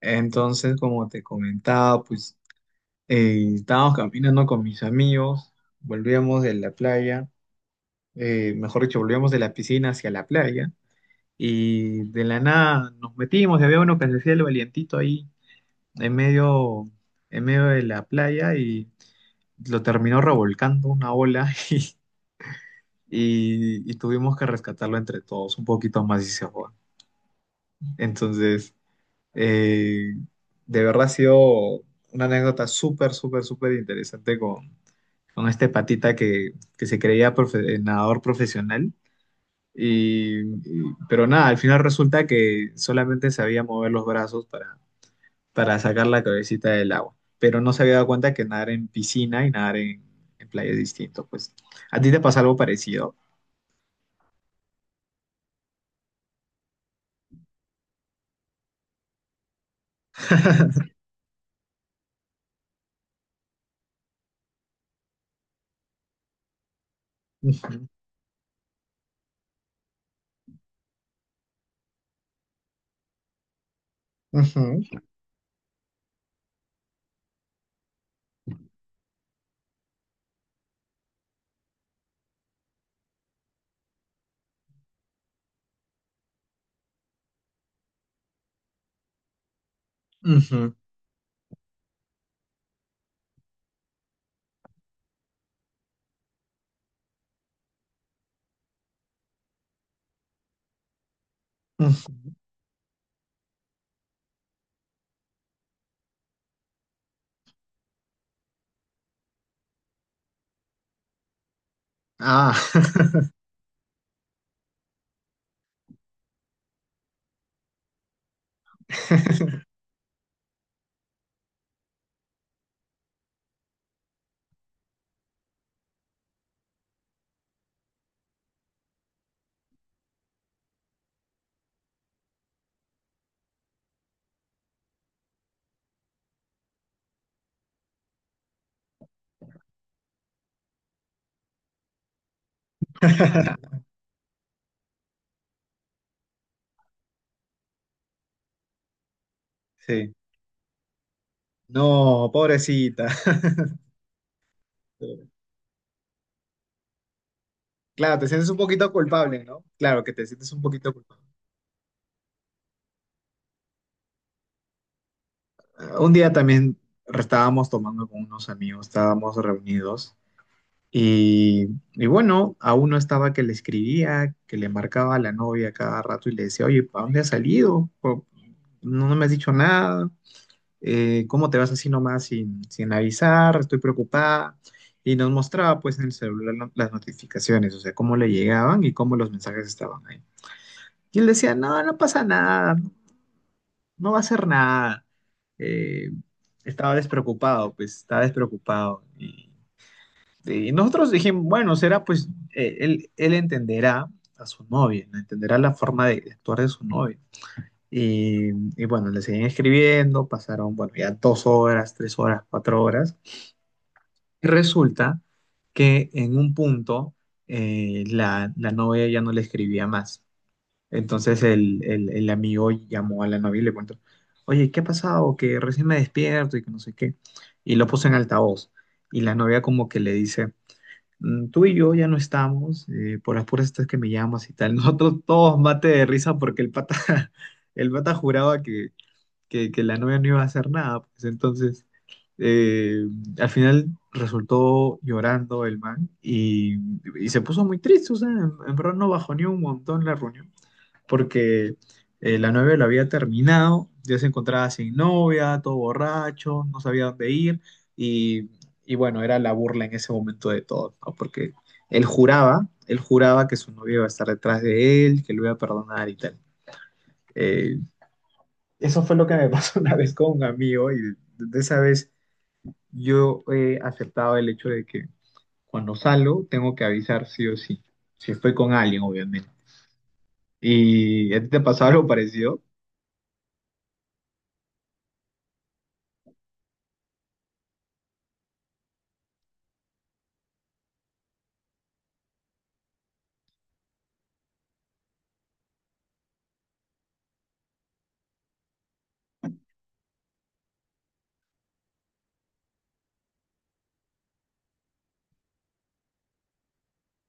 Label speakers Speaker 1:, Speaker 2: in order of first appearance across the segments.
Speaker 1: Entonces, como te comentaba, pues estábamos caminando con mis amigos, volvíamos de la playa, mejor dicho, volvíamos de la piscina hacia la playa y de la nada nos metimos y había uno que se hacía el valientito ahí en medio, en medio de la playa y lo terminó revolcando una ola y, y tuvimos que rescatarlo entre todos, un poquito más y se fue. Entonces... Eh, de verdad ha sido una anécdota súper, súper, súper interesante con este patita que se creía nadador profesional. Y, pero nada, al final resulta que solamente sabía mover los brazos para sacar la cabecita del agua. Pero no se había dado cuenta que nadar en piscina y nadar en playa es distinto. Pues, ¿a ti te pasa algo parecido? Ujú, ujú, ujú, ujú. Ah, sí. No, pobrecita. Claro, te sientes un poquito culpable, ¿no? Claro que te sientes un poquito culpable. Ah, un día también estábamos tomando con unos amigos, estábamos reunidos y, bueno, a uno estaba que le escribía, que le marcaba a la novia cada rato y le decía, oye, ¿para dónde has salido? No, no me has dicho nada. ¿Cómo te vas así nomás sin, avisar? Estoy preocupada. Y nos mostraba pues en el celular las notificaciones, o sea, cómo le llegaban y cómo los mensajes estaban ahí. Y él decía, no, no pasa nada, no va a hacer nada. Eh, estaba despreocupado, pues estaba despreocupado. Y, nosotros dijimos, bueno, será pues él, entenderá a su novia, ¿no? Entenderá la forma de, actuar de su novia. Y, bueno, le seguían escribiendo, pasaron, bueno, ya dos horas, tres horas, cuatro horas. Y resulta que en un punto la, novia ya no le escribía más, entonces el amigo llamó a la novia y le cuento, oye, ¿qué ha pasado? Que recién me despierto y que no sé qué. Y lo puso en altavoz. Y la novia como que le dice, "Mm, tú y yo ya no estamos, por las puras estas que me llamas y tal". Nosotros todos mate de risa porque el pata, el pata juraba que la novia no iba a hacer nada. Pues entonces, eh, al final resultó llorando el man y se puso muy triste. O sea, en, verdad no bajó ni un montón la reunión porque la novia lo había terminado, ya se encontraba sin novia, todo borracho, no sabía dónde ir, y, y bueno, era la burla en ese momento de todos, ¿no? Porque él juraba que su novia iba a estar detrás de él, que lo iba a perdonar y tal. Eh, eso fue lo que me pasó una vez con un amigo, y de, esa vez yo he aceptado el hecho de que cuando salgo tengo que avisar sí o sí, si estoy con alguien, obviamente. ¿Y a ti te pasó algo parecido?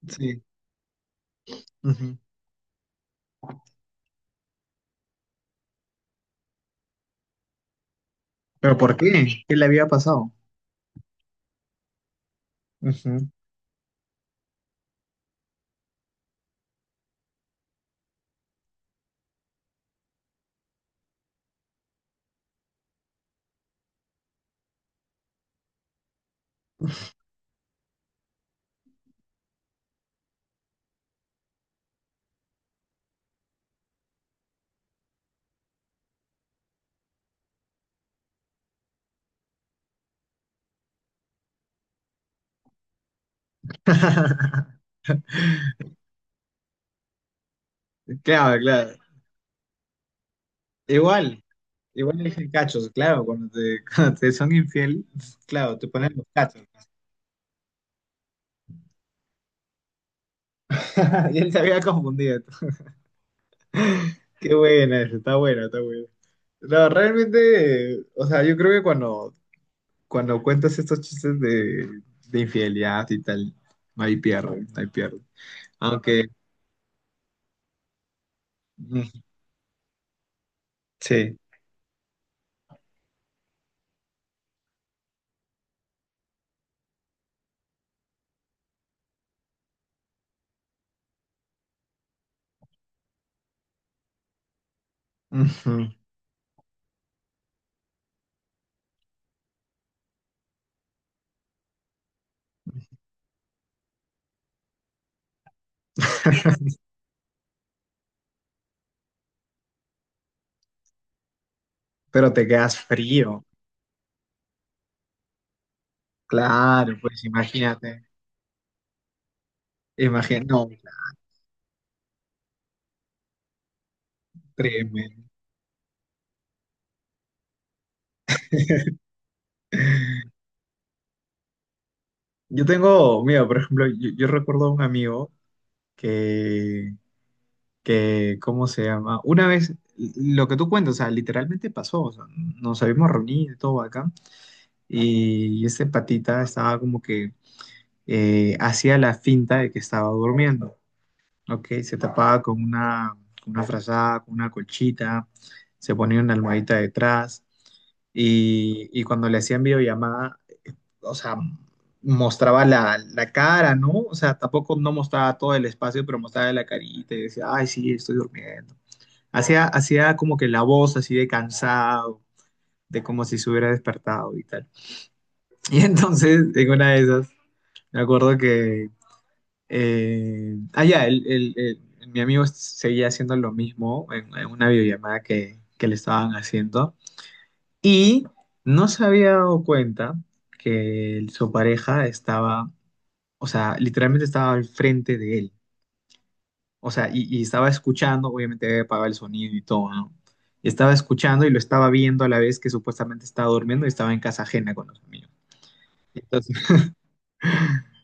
Speaker 1: Sí. ¿Pero por qué? ¿Qué le había pasado? Ujú. Claro, claro. Igual, igual le dije cachos, claro, cuando te, cuando te son infiel, claro, te ponen los cachos. Y él se había confundido. Qué buena esa, está buena, está buena. No, realmente, o sea, yo creo que cuando, cuando cuentas estos chistes de, infidelidad y tal, no hay pierde, no hay pierde. Aunque, mm, sí, ujú. Pero te quedas frío. Claro, pues imagínate. Imagino, no, tremendo. Yo tengo, mira, por ejemplo, yo, recuerdo a un amigo que, ¿cómo se llama? Una vez, lo que tú cuentas, o sea, literalmente pasó, o sea, nos habíamos reunido y todo acá, y este patita estaba como que hacía la finta de que estaba durmiendo, ¿ok? Se tapaba con una, frazada, con una colchita, se ponía una almohadita detrás. Y, cuando le hacían videollamada, o sea, mostraba la, cara, ¿no? O sea, tampoco no mostraba todo el espacio, pero mostraba la carita y decía, ay, sí, estoy durmiendo. Hacía, hacía como que la voz así de cansado, de como si se hubiera despertado y tal. Y entonces, en una de esas, me acuerdo que, mi amigo seguía haciendo lo mismo en, una videollamada que, le estaban haciendo y no se había dado cuenta que su pareja estaba. O sea, literalmente estaba al frente de él. O sea, y, estaba escuchando, obviamente había apagado el sonido y todo, ¿no? Y estaba escuchando y lo estaba viendo a la vez que supuestamente estaba durmiendo y estaba en casa ajena con los amigos. Entonces,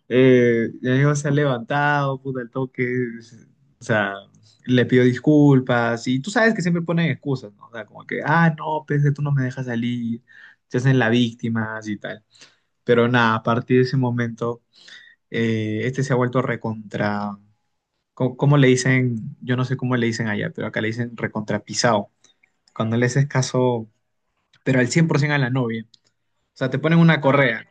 Speaker 1: mi amigo se ha levantado, puta, el toque, o sea, le pidió disculpas y tú sabes que siempre ponen excusas, ¿no? O sea, como que, ah, no, pues que tú no me dejas salir, se hacen la víctima y tal. Pero nada, a partir de ese momento, este se ha vuelto recontra. ¿¿Cómo le dicen? Yo no sé cómo le dicen allá, pero acá le dicen recontrapisado. Cuando le haces caso, pero al 100% a la novia. O sea, te ponen una, ah, correa.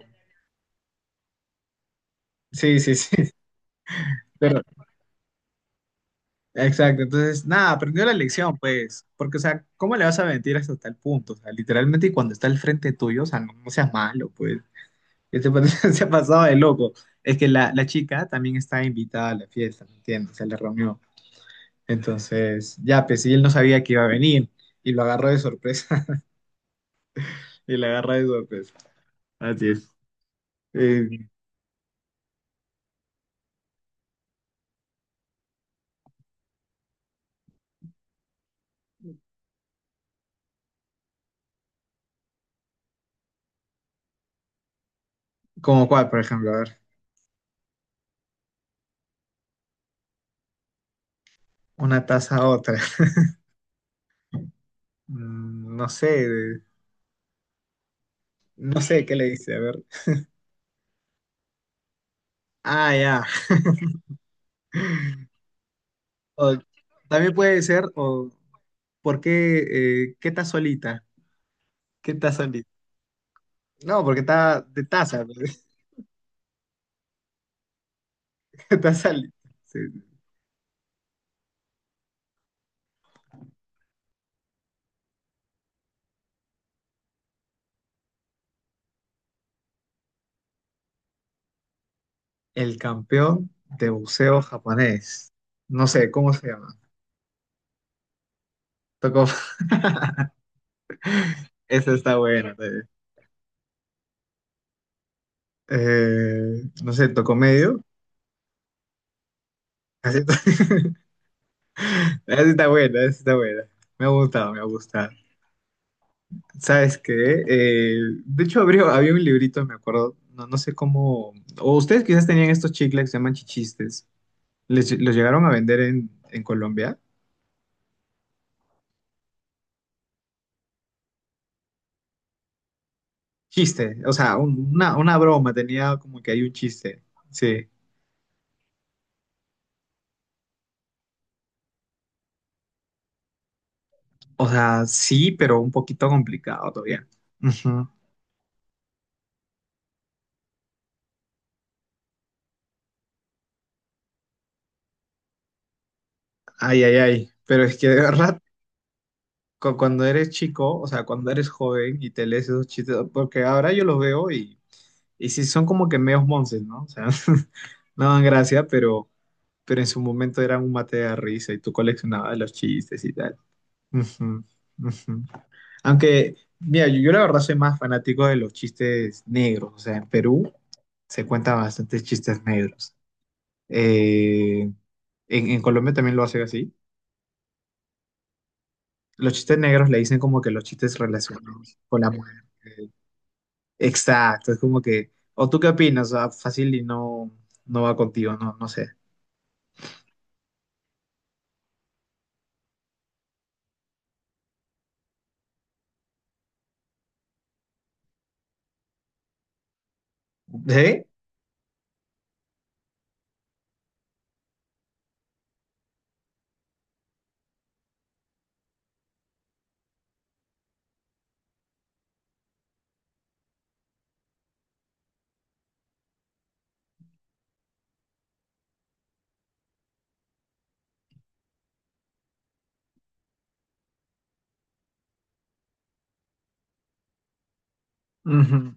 Speaker 1: Sí, sí, sí. Pero, exacto. Entonces, nada, aprendió la lección, pues. Porque, o sea, ¿cómo le vas a mentir hasta tal punto? O sea, literalmente, y cuando está al frente tuyo, o sea, no, no seas malo, pues. Este pata se ha pasado de loco. Es que la, chica también estaba invitada a la fiesta, ¿me entiendes? Se la reunió. Entonces, ya, pues, y él no sabía que iba a venir. Y lo agarró de sorpresa. Y lo agarró de sorpresa. Así es. Eh, ¿Cómo cuál, por ejemplo? A ver, una taza a otra. No sé, no sé qué le dice, a ver. Ah, ya. O también puede ser, o ¿por qué, qué está solita? ¿Qué está solita? No, porque está de taza, pues. Está solita. Sí. El campeón de buceo japonés. No sé, ¿cómo se llama? Tocó, esa está buena también. No sé, tocó medio. Así está. Esa sí está buena, esa sí está buena. Me ha gustado, me ha gustado. ¿Sabes qué? De hecho, abrió, había un librito, me acuerdo, no, no sé cómo... O ustedes quizás tenían estos chicles que se llaman chichistes. ¿Les, los llegaron a vender en, Colombia? Chiste, o sea, una broma, tenía como que hay un chiste. Sí. O sea, sí, pero un poquito complicado todavía. Ujú. Ay, ay, ay. Pero es que de verdad, cuando eres chico, o sea, cuando eres joven y te lees esos chistes, porque ahora yo los veo y... Y sí, son como que medios monces, ¿no? O sea, no dan gracia, pero, en su momento eran un mate de risa y tú coleccionabas los chistes y tal. Ujú, ujú. Aunque, mira, yo, la verdad soy más fanático de los chistes negros. O sea, en Perú se cuentan bastantes chistes negros. Eh, en Colombia también lo hacen así. Los chistes negros le dicen como que los chistes relacionados con la mujer. Exacto, es como que, ¿o tú qué opinas? Ah, fácil y no, no va contigo, no, no sé. ¿Sí? Ujú.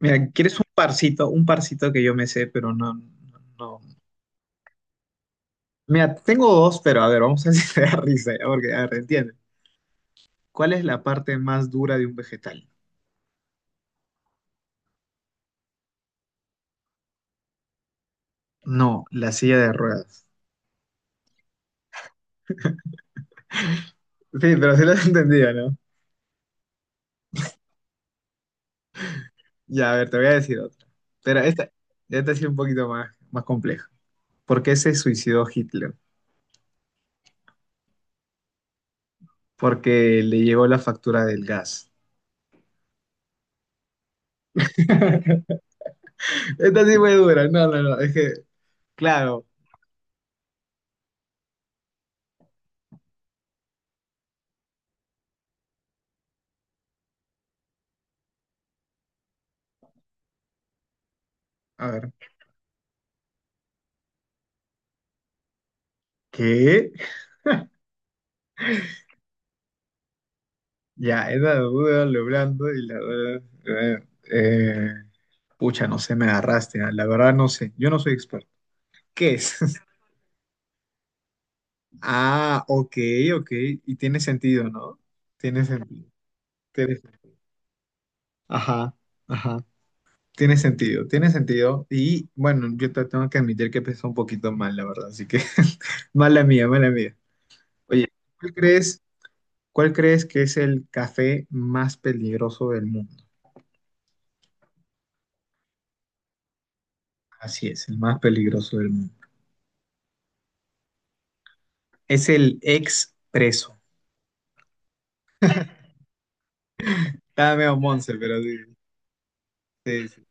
Speaker 1: Mira, ¿quieres un parcito? Un parcito que yo me sé, pero no, no, ¿no? Mira, tengo dos, pero a ver, vamos a ver si te da risa, ya, porque, a ver, entiende. ¿Cuál es la parte más dura de un vegetal? No, la silla de ruedas. Sí, pero sí lo has entendido, ¿no? Ya, a ver, te voy a decir otra. Pero esta sí es un poquito más, más compleja. ¿Por qué se suicidó Hitler? Porque le llegó la factura del gas. Esta sí fue dura. No, no, no. Es que, claro. A ver. ¿Qué? Ya, esa duda, lo blando y la verdad, eh, pucha, no sé, me agarraste, ah, la verdad no sé, yo no soy experto. ¿Qué es? Ah, ok, ok, y tiene sentido, ¿no? Tiene sentido. Tiene- ajá, ajá. Tiene sentido, tiene sentido. Y bueno, yo te tengo que admitir que empezó un poquito mal, la verdad, así que mala mía, mala mía. Oye, ¿cuál crees, cuál crees que es el café más peligroso del mundo? Así es, el más peligroso del mundo. Es el expreso preso. Estaba medio monce, pero sí. Sí, sí.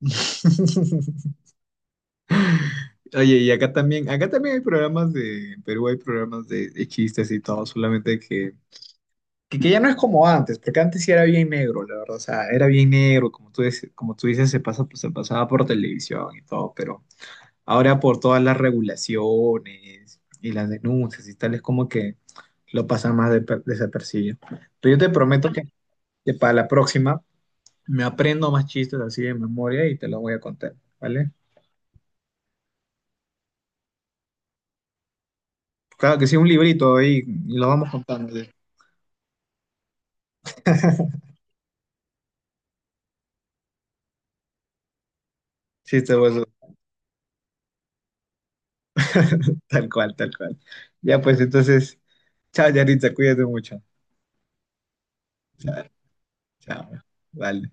Speaker 1: Oye, y acá también hay programas de, en Perú hay programas de, chistes y todo, solamente que, que ya no es como antes, porque antes sí era bien negro, la verdad, o sea, era bien negro, como tú dices, se pasa, pues, se pasaba por televisión y todo, pero ahora por todas las regulaciones y las denuncias y tal, es como que lo pasa más desapercibido. Pero yo te prometo que, para la próxima me aprendo más chistes así de memoria y te los voy a contar, ¿vale? Claro que sí, un librito ahí y los vamos contando. Sí, chistes, pues, tal cual, tal cual. Ya pues entonces, chao, Yaritza, cuídate mucho. Chao, chao. Vale.